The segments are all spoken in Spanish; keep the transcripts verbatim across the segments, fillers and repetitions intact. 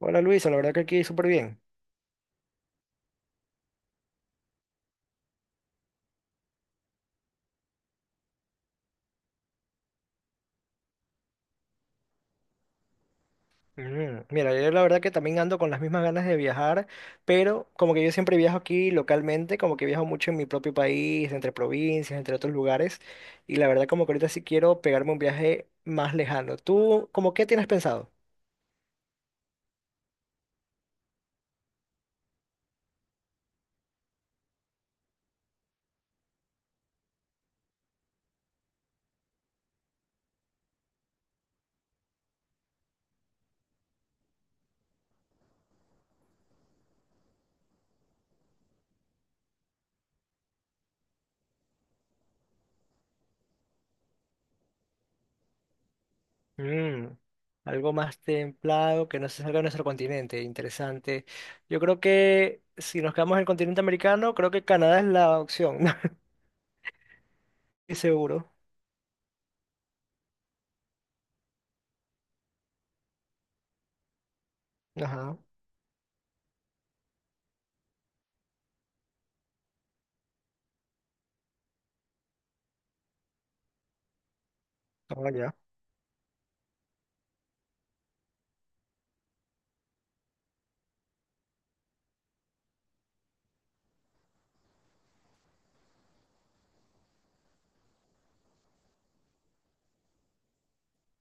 Hola Luisa, la verdad que aquí súper bien. Mm, Mira, yo la verdad que también ando con las mismas ganas de viajar, pero como que yo siempre viajo aquí localmente, como que viajo mucho en mi propio país, entre provincias, entre otros lugares, y la verdad como que ahorita sí quiero pegarme un viaje más lejano. ¿Tú, como qué tienes pensado? Mm, Algo más templado, que no se salga de nuestro continente, interesante. Yo creo que si nos quedamos en el continente americano, creo que Canadá es la opción, no estoy seguro. Ajá. Ah, ya.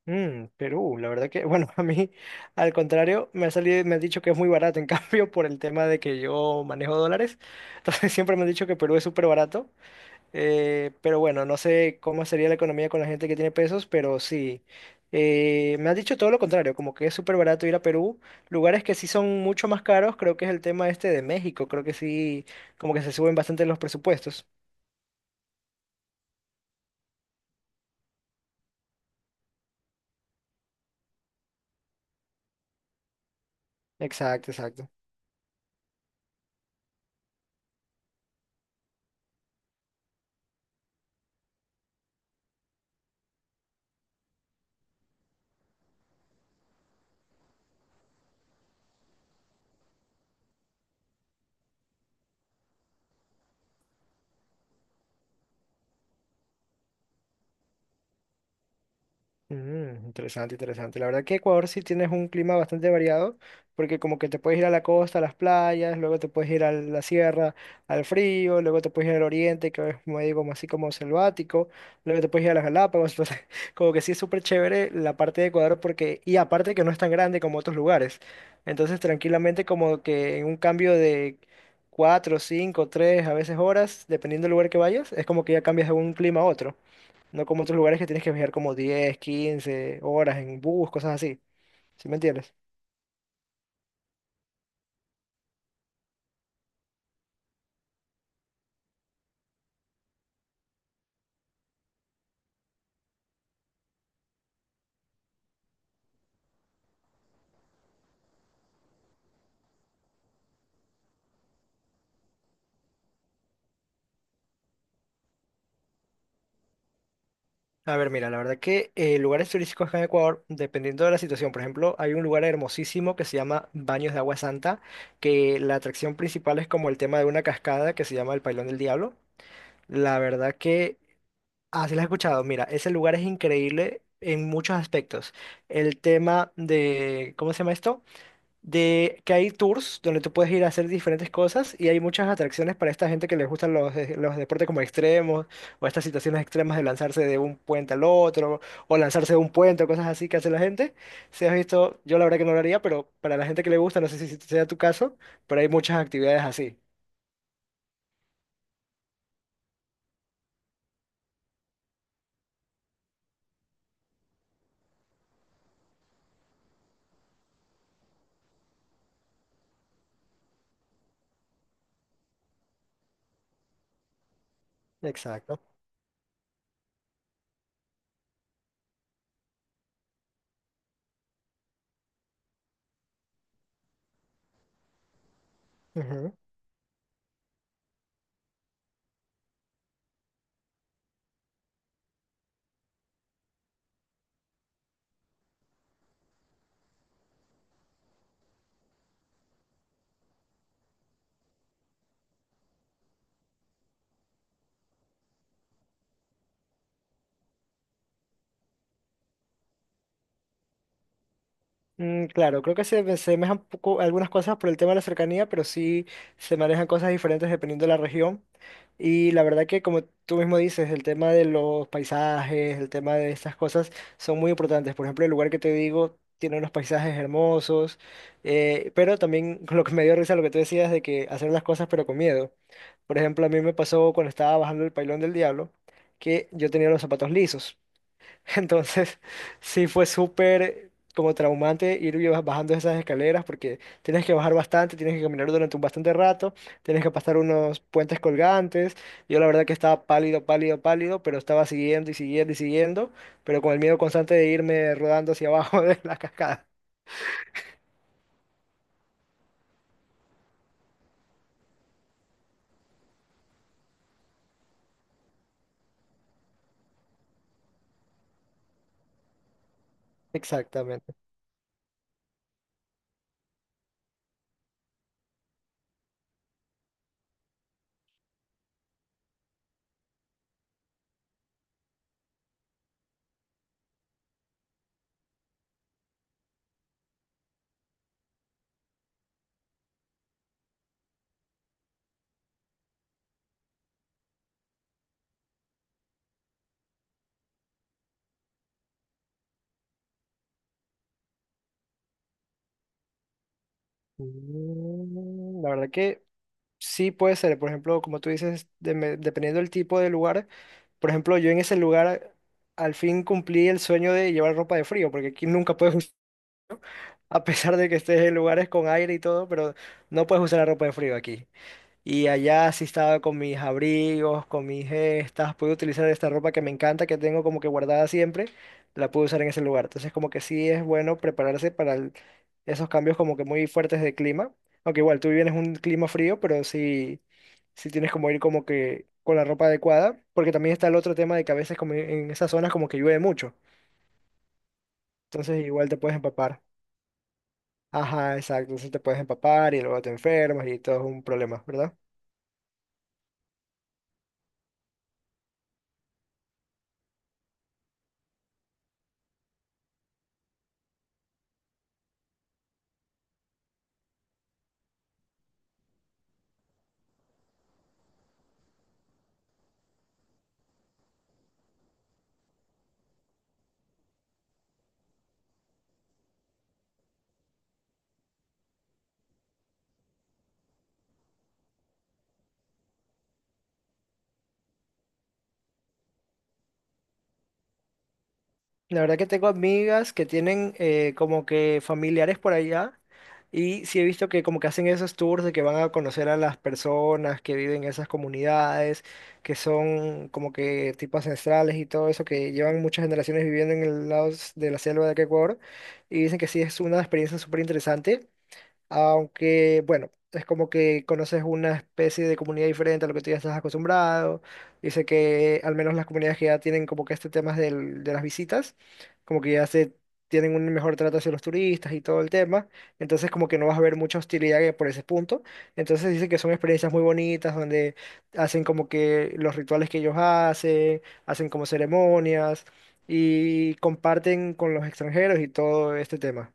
Mm, Perú, la verdad que, bueno, a mí, al contrario, me ha salido, me han dicho que es muy barato, en cambio, por el tema de que yo manejo dólares, entonces siempre me han dicho que Perú es súper barato, eh, pero bueno, no sé cómo sería la economía con la gente que tiene pesos, pero sí, eh, me han dicho todo lo contrario, como que es súper barato ir a Perú, lugares que sí son mucho más caros, creo que es el tema este de México, creo que sí, como que se suben bastante los presupuestos. Exacto, exacto. Mm, interesante, interesante. La verdad que Ecuador sí tienes un clima bastante variado, porque como que te puedes ir a la costa, a las playas, luego te puedes ir a la sierra, al frío, luego te puedes ir al oriente, que es como digo, como así como selvático, luego te puedes ir a las Galápagos, entonces como que sí es súper chévere la parte de Ecuador porque, y aparte que no es tan grande como otros lugares. Entonces tranquilamente como que en un cambio de cuatro, cinco, tres, a veces horas, dependiendo del lugar que vayas, es como que ya cambias de un clima a otro. No como otros lugares que tienes que viajar como diez quince horas en bus, cosas así. ¿Sí me entiendes? A ver, mira, la verdad que eh, lugares turísticos acá en Ecuador, dependiendo de la situación, por ejemplo, hay un lugar hermosísimo que se llama Baños de Agua Santa, que la atracción principal es como el tema de una cascada que se llama el Pailón del Diablo. La verdad que, así lo has escuchado, mira, ese lugar es increíble en muchos aspectos. El tema de, ¿cómo se llama esto? De que hay tours donde tú puedes ir a hacer diferentes cosas y hay muchas atracciones para esta gente que les gustan los, de- los deportes como extremos o estas situaciones extremas de lanzarse de un puente al otro o lanzarse de un puente o cosas así que hace la gente. Si has visto, yo la verdad que no lo haría, pero para la gente que le gusta, no sé si sea tu caso, pero hay muchas actividades así. Exacto. Mm, claro, creo que se me un poco algunas cosas por el tema de la cercanía, pero sí se manejan cosas diferentes dependiendo de la región. Y la verdad que como tú mismo dices, el tema de los paisajes, el tema de estas cosas son muy importantes. Por ejemplo, el lugar que te digo tiene unos paisajes hermosos, eh, pero también lo que me dio risa lo que tú decías de que hacer las cosas pero con miedo. Por ejemplo, a mí me pasó cuando estaba bajando el Pailón del Diablo que yo tenía los zapatos lisos. Entonces, sí fue súper como traumante ir y baj- bajando esas escaleras porque tienes que bajar bastante, tienes que caminar durante un bastante rato, tienes que pasar unos puentes colgantes. Yo la verdad que estaba pálido, pálido, pálido, pero estaba siguiendo y siguiendo y siguiendo, pero con el miedo constante de irme rodando hacia abajo de la cascada. Exactamente. Mm, La verdad que sí, puede ser. Por ejemplo, como tú dices, deme- dependiendo del tipo de lugar. Por ejemplo, yo en ese lugar al fin cumplí el sueño de llevar ropa de frío, porque aquí nunca puedes, us- a pesar de que estés en lugares con aire y todo, pero no puedes usar la ropa de frío aquí. Y allá sí estaba con mis abrigos, con mis gestas, pude utilizar esta ropa que me encanta, que tengo como que guardada siempre, la pude usar en ese lugar. Entonces como que sí es bueno prepararse para el- esos cambios como que muy fuertes de clima. Aunque igual tú vienes un clima frío, pero sí, sí tienes como ir como que con la ropa adecuada, porque también está el otro tema de que a veces como en esas zonas como que llueve mucho. Entonces igual te puedes empapar. Ajá, exacto, entonces te puedes empapar y luego te enfermas y todo es un problema, ¿verdad? La verdad que tengo amigas que tienen eh, como que familiares por allá y sí he visto que como que hacen esos tours de que van a conocer a las personas que viven en esas comunidades, que son como que tipo ancestrales y todo eso, que llevan muchas generaciones viviendo en el lado s- de la selva de acá Ecuador y dicen que sí es una experiencia súper interesante. Aunque, bueno, es como que conoces una especie de comunidad diferente a lo que tú ya estás acostumbrado. Dice que al menos las comunidades que ya tienen como que este tema del- de las visitas, como que ya se tienen un mejor trato hacia los turistas y todo el tema. Entonces como que no vas a ver mucha hostilidad que- por ese punto. Entonces dice que son experiencias muy bonitas donde hacen como que los rituales que ellos hacen, hacen como ceremonias y comparten con los extranjeros y todo este tema.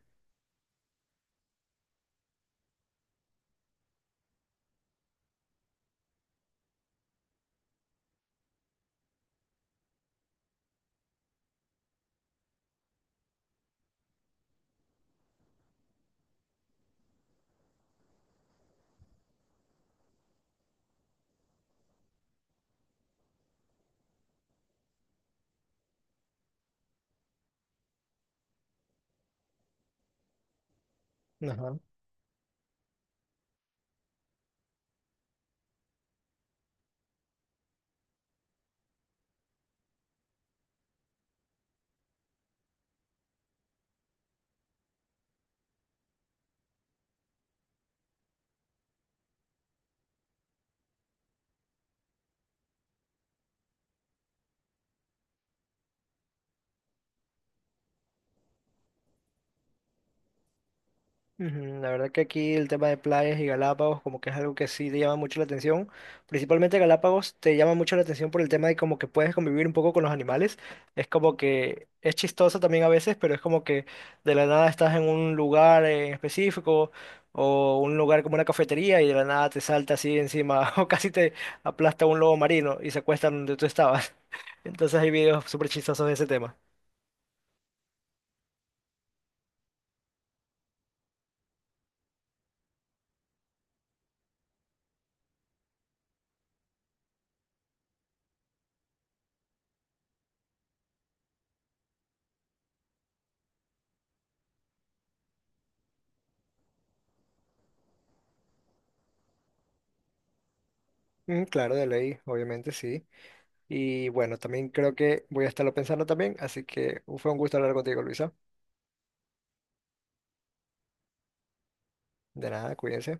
Ujú, la verdad que aquí el tema de playas y Galápagos como que es algo que sí te llama mucho la atención. Principalmente Galápagos te llama mucho la atención por el tema de como que puedes convivir un poco con los animales. Es como que es chistoso también a veces, pero es como que de la nada estás en un lugar en específico o un lugar como una cafetería y de la nada te salta así encima o casi te aplasta un lobo marino y se acuesta donde tú estabas. Entonces hay videos súper chistosos de ese tema. Mm, claro, de ley, obviamente sí. Y bueno, también creo que voy a estarlo pensando también, así que fue un gusto hablar contigo, Luisa. De nada, cuídense.